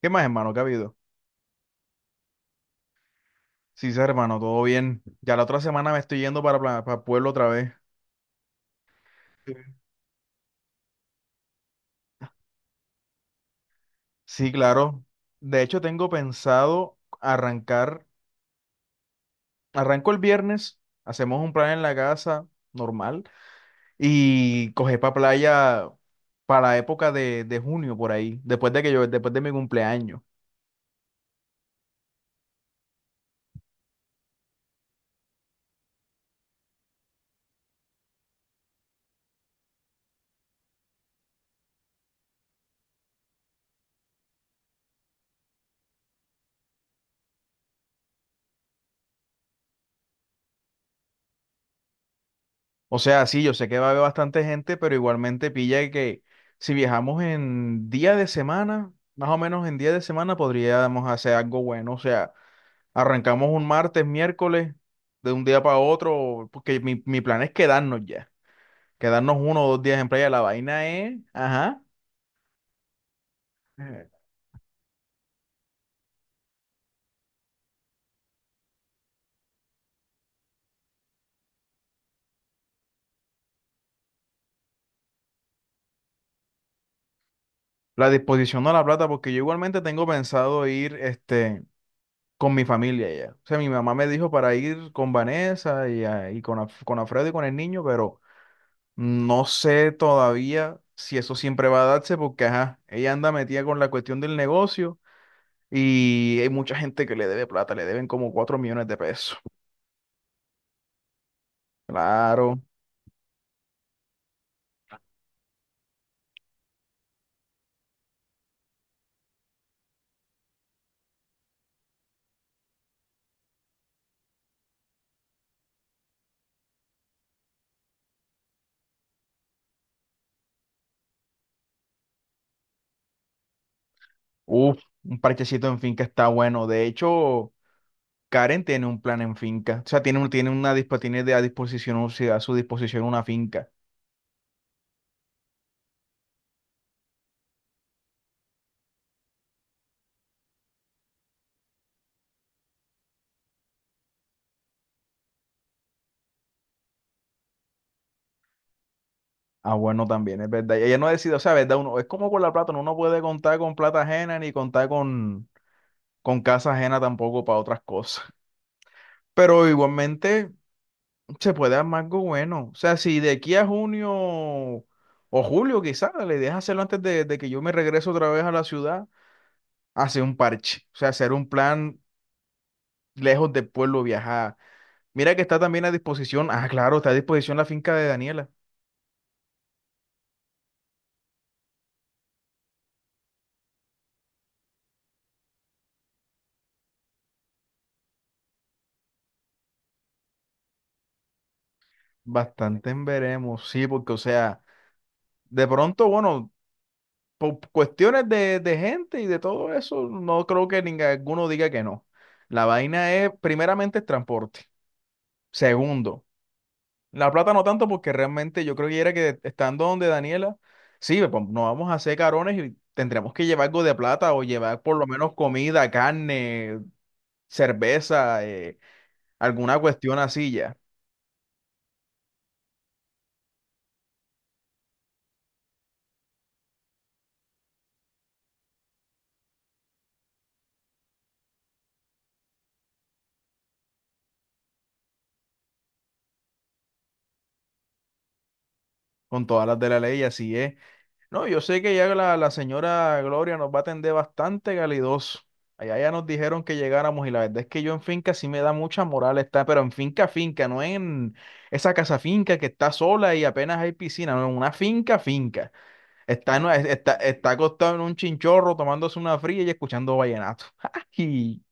¿Qué más, hermano? ¿Qué ha habido? Sí, sí, hermano, todo bien. Ya la otra semana me estoy yendo para Pueblo otra vez. Sí, sí, claro. De hecho, tengo pensado arrancar. Arranco el viernes, hacemos un plan en la casa, normal, y coger para playa para la época de junio, por ahí, después de mi cumpleaños. O sea, sí, yo sé que va a haber bastante gente, pero igualmente pilla que si viajamos en día de semana, más o menos en día de semana, podríamos hacer algo bueno. O sea. Arrancamos un martes, miércoles, de un día para otro, porque mi plan es quedarnos ya, quedarnos uno o dos días en playa. La vaina es, ajá, la disposición de la plata, porque yo igualmente tengo pensado ir, este, con mi familia ya. O sea, mi mamá me dijo para ir con Vanessa y, y con, con Alfredo y con el niño, pero no sé todavía si eso siempre va a darse, porque, ajá, ella anda metida con la cuestión del negocio y hay mucha gente que le debe plata, le deben como 4 millones de pesos. Claro. Uf, un parchecito en finca está bueno. De hecho, Karen tiene un plan en finca. O sea, tiene, un- tiene una dispo- tiene de a disposición, o sea, a su disposición una finca. Ah, bueno, también, es verdad. Y ella no ha decidido, o sea, verdad, uno, es como con la plata, uno no puede contar con plata ajena ni contar con casa ajena tampoco para otras cosas. Pero igualmente se puede armar algo bueno. O sea, si de aquí a junio o julio quizás, la idea es hacerlo antes de que yo me regrese otra vez a la ciudad hacer un parche, o sea, hacer un plan lejos del pueblo viajar. Mira que está también a disposición, ah, claro, está a disposición la finca de Daniela. Bastante en veremos, sí, porque o sea, de pronto, bueno, por cuestiones de gente y de todo eso, no creo que ninguno diga que no. La vaina es, primeramente, el transporte. Segundo, la plata no tanto porque realmente yo creo que era que estando donde Daniela, sí, pues, no vamos a hacer carones y tendremos que llevar algo de plata o llevar por lo menos comida, carne, cerveza, alguna cuestión así ya, con todas las de la ley, así es. No, yo sé que ya la señora Gloria nos va a atender bastante calidoso. Allá ya nos dijeron que llegáramos y la verdad es que yo en finca sí me da mucha moral estar, pero en finca, finca, no en esa casa finca que está sola y apenas hay piscina, no, en una finca, finca. Está acostado en un chinchorro tomándose una fría y escuchando vallenato. ¡Ay!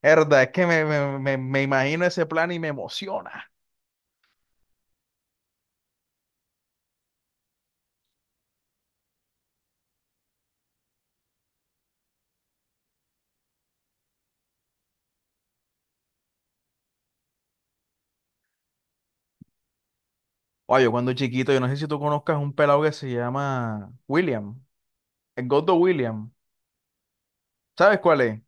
Herda, es que me imagino ese plan y me emociona. Oye, yo cuando chiquito, yo no sé si tú conozcas un pelado que se llama William, el Gordo William. ¿Sabes cuál es?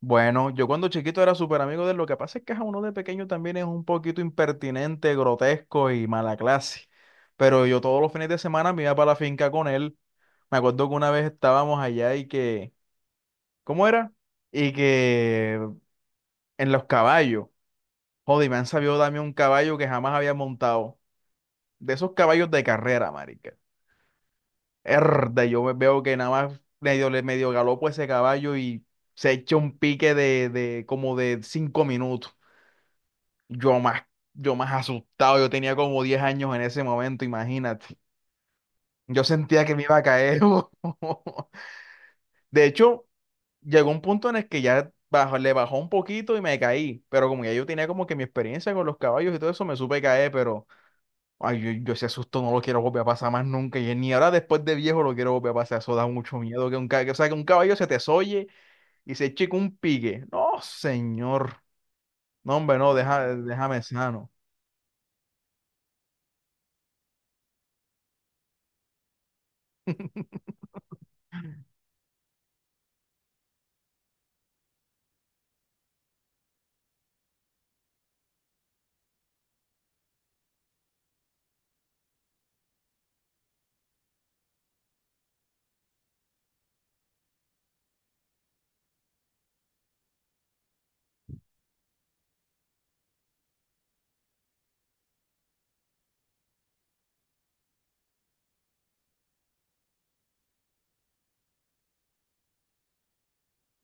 Bueno, yo cuando chiquito era súper amigo de él. Lo que pasa es que a uno de pequeño también es un poquito impertinente, grotesco y mala clase. Pero yo todos los fines de semana me iba para la finca con él. Me acuerdo que una vez estábamos allá y que, ¿cómo era? Y que en los caballos, joder, me han sabido darme un caballo que jamás había montado. De esos caballos de carrera, marica. Erda, yo me veo que nada más medio, le medio galopo ese caballo y se echa un pique de como de 5 minutos. Yo más, yo más asustado, yo tenía como 10 años en ese momento, imagínate. Yo sentía que me iba a caer. De hecho, llegó un punto en el que ya le bajó un poquito y me caí, pero como ya yo tenía como que mi experiencia con los caballos y todo eso, me supe caer, pero... Ay, yo ese susto no lo quiero volver a pasar más nunca. Y ni ahora después de viejo lo quiero volver a pasar. Eso da mucho miedo. Que, o sea, que un caballo se te solle y se eche con un pique. No, señor. No, hombre, no, deja, déjame sano.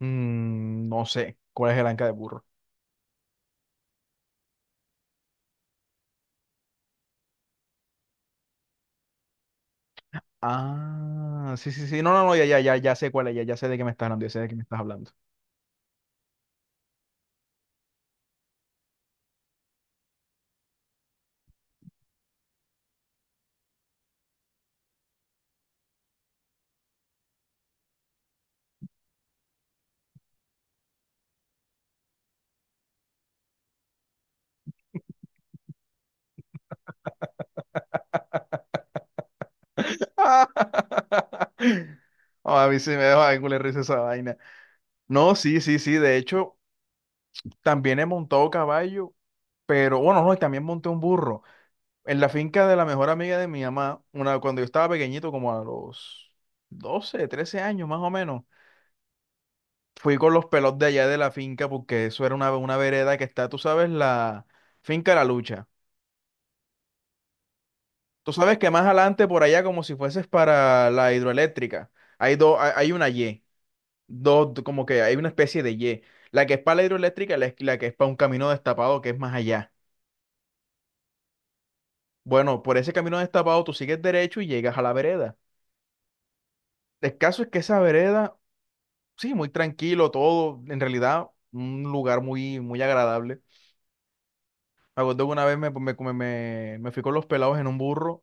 No sé. ¿Cuál es el anca de burro? Ah, sí, sí, sí. No, no, no, ya, ya, ya, ya sé cuál es. Ya, ya sé de qué me estás hablando. Ya sé de qué me estás hablando. Ah, a mí sí me deja de culo de risa esa vaina. No, sí, sí, sí. De hecho, también he montado caballo, pero bueno, no, y también monté un burro. En la finca de la mejor amiga de mi mamá, una, cuando yo estaba pequeñito, como a los 12 13 años más o menos, fui con los pelos de allá de la finca porque eso era una vereda que está, tú sabes, la finca La Lucha. Tú sabes que más adelante por allá, como si fueses para la hidroeléctrica, hay una Y, dos, como que hay una especie de Y. La que es para la hidroeléctrica y la que es para un camino destapado que es más allá. Bueno, por ese camino destapado tú sigues derecho y llegas a la vereda. El caso es que esa vereda sí, muy tranquilo, todo, en realidad, un lugar muy, muy agradable. Me acuerdo que una vez me fui con los pelados en un burro,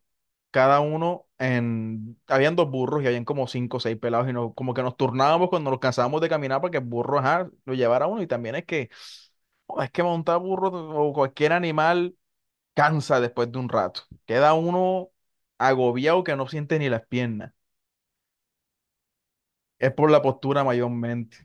cada uno habían dos burros y habían como cinco o seis pelados y nos, como que nos turnábamos cuando nos cansábamos de caminar para que el burro, ajá, lo llevara uno y también es que, oh, es que montar burro o cualquier animal cansa después de un rato, queda uno agobiado que no siente ni las piernas, es por la postura mayormente.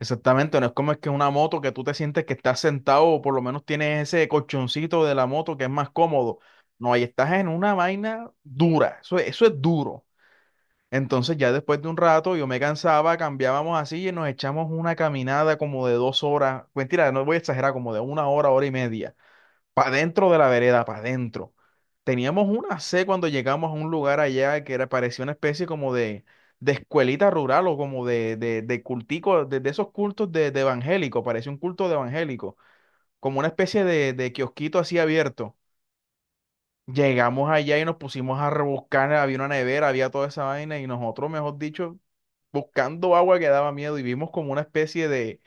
Exactamente, no es como es que una moto que tú te sientes que estás sentado o por lo menos tienes ese colchoncito de la moto que es más cómodo. No, ahí estás en una vaina dura, eso, eso es duro. Entonces ya después de un rato yo me cansaba, cambiábamos así y nos echamos una caminada como de 2 horas, mentira, no voy a exagerar, como de una hora, hora y media para dentro de la vereda, para adentro. Teníamos una C cuando llegamos a un lugar allá que era, parecía una especie como de escuelita rural o como de, de cultico, de esos cultos de evangélico, parecía un culto de evangélico, como una especie de kiosquito así abierto. Llegamos allá y nos pusimos a rebuscar, había una nevera, había toda esa vaina y nosotros, mejor dicho, buscando agua que daba miedo y vimos como una especie de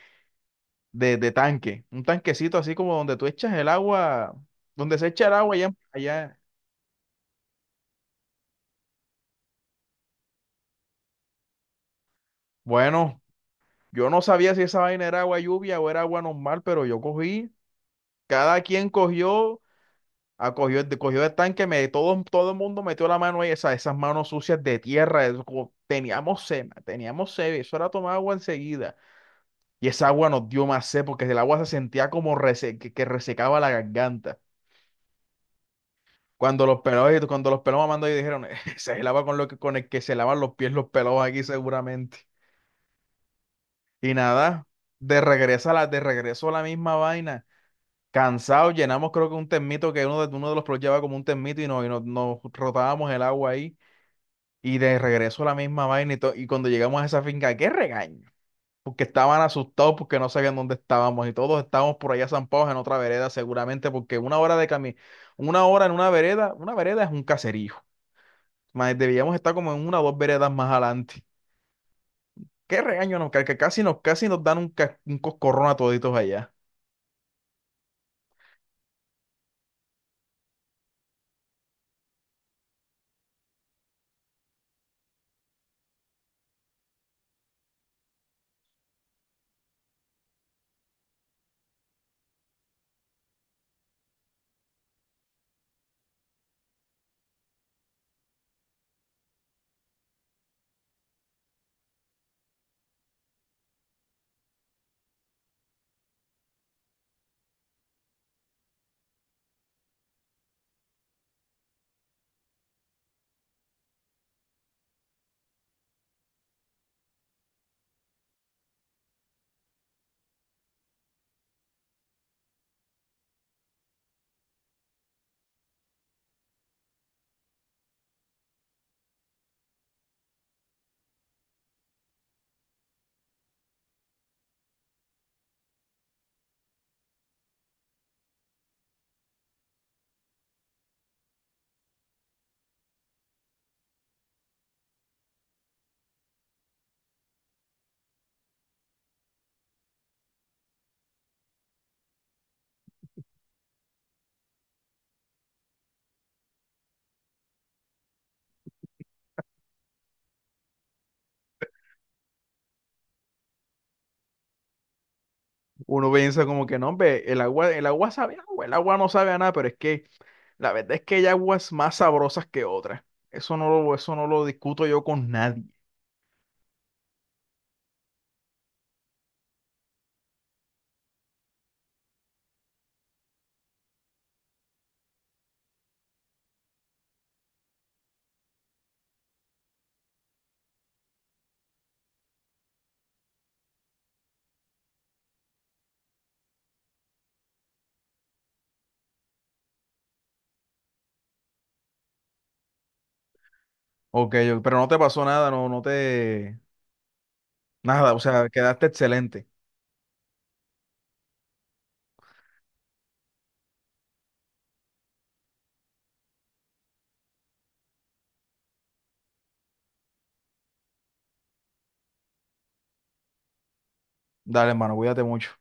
de tanque, un tanquecito así como donde tú echas el agua, donde se echa el agua allá, allá. Bueno, yo no sabía si esa vaina era agua lluvia o era agua normal, pero yo cogí, cada quien cogió, cogió el tanque, todo, todo el mundo metió la mano ahí, esas manos sucias de tierra, eso teníamos sed, ma, teníamos sed, eso era tomar agua enseguida. Y esa agua nos dio más sed porque el agua se sentía como que resecaba la garganta. Cuando los pelados mamando y dijeron, se lava con lo que, con el que se lavan los pies los pelados aquí seguramente. Y nada, de regreso a la misma vaina. Cansados, llenamos creo que un termito que uno de los pelados llevaba como un termito y nos rotábamos el agua ahí. Y de regreso a la misma vaina y cuando llegamos a esa finca, qué regaño. Porque estaban asustados porque no sabían dónde estábamos y todos estábamos por allá zampados en otra vereda seguramente porque una hora de camino, una hora en una vereda es un caserío. Mae, debíamos estar como en una o dos veredas más adelante. Qué regaño nos cae, que casi nos dan un coscorrón a toditos allá. Uno piensa como que no, hombre, el agua sabe a agua, el agua no sabe a nada, pero es que la verdad es que hay aguas más sabrosas que otras. Eso no lo discuto yo con nadie. Ok, pero no te pasó nada, no, nada, o sea, quedaste excelente. Dale, hermano, cuídate mucho.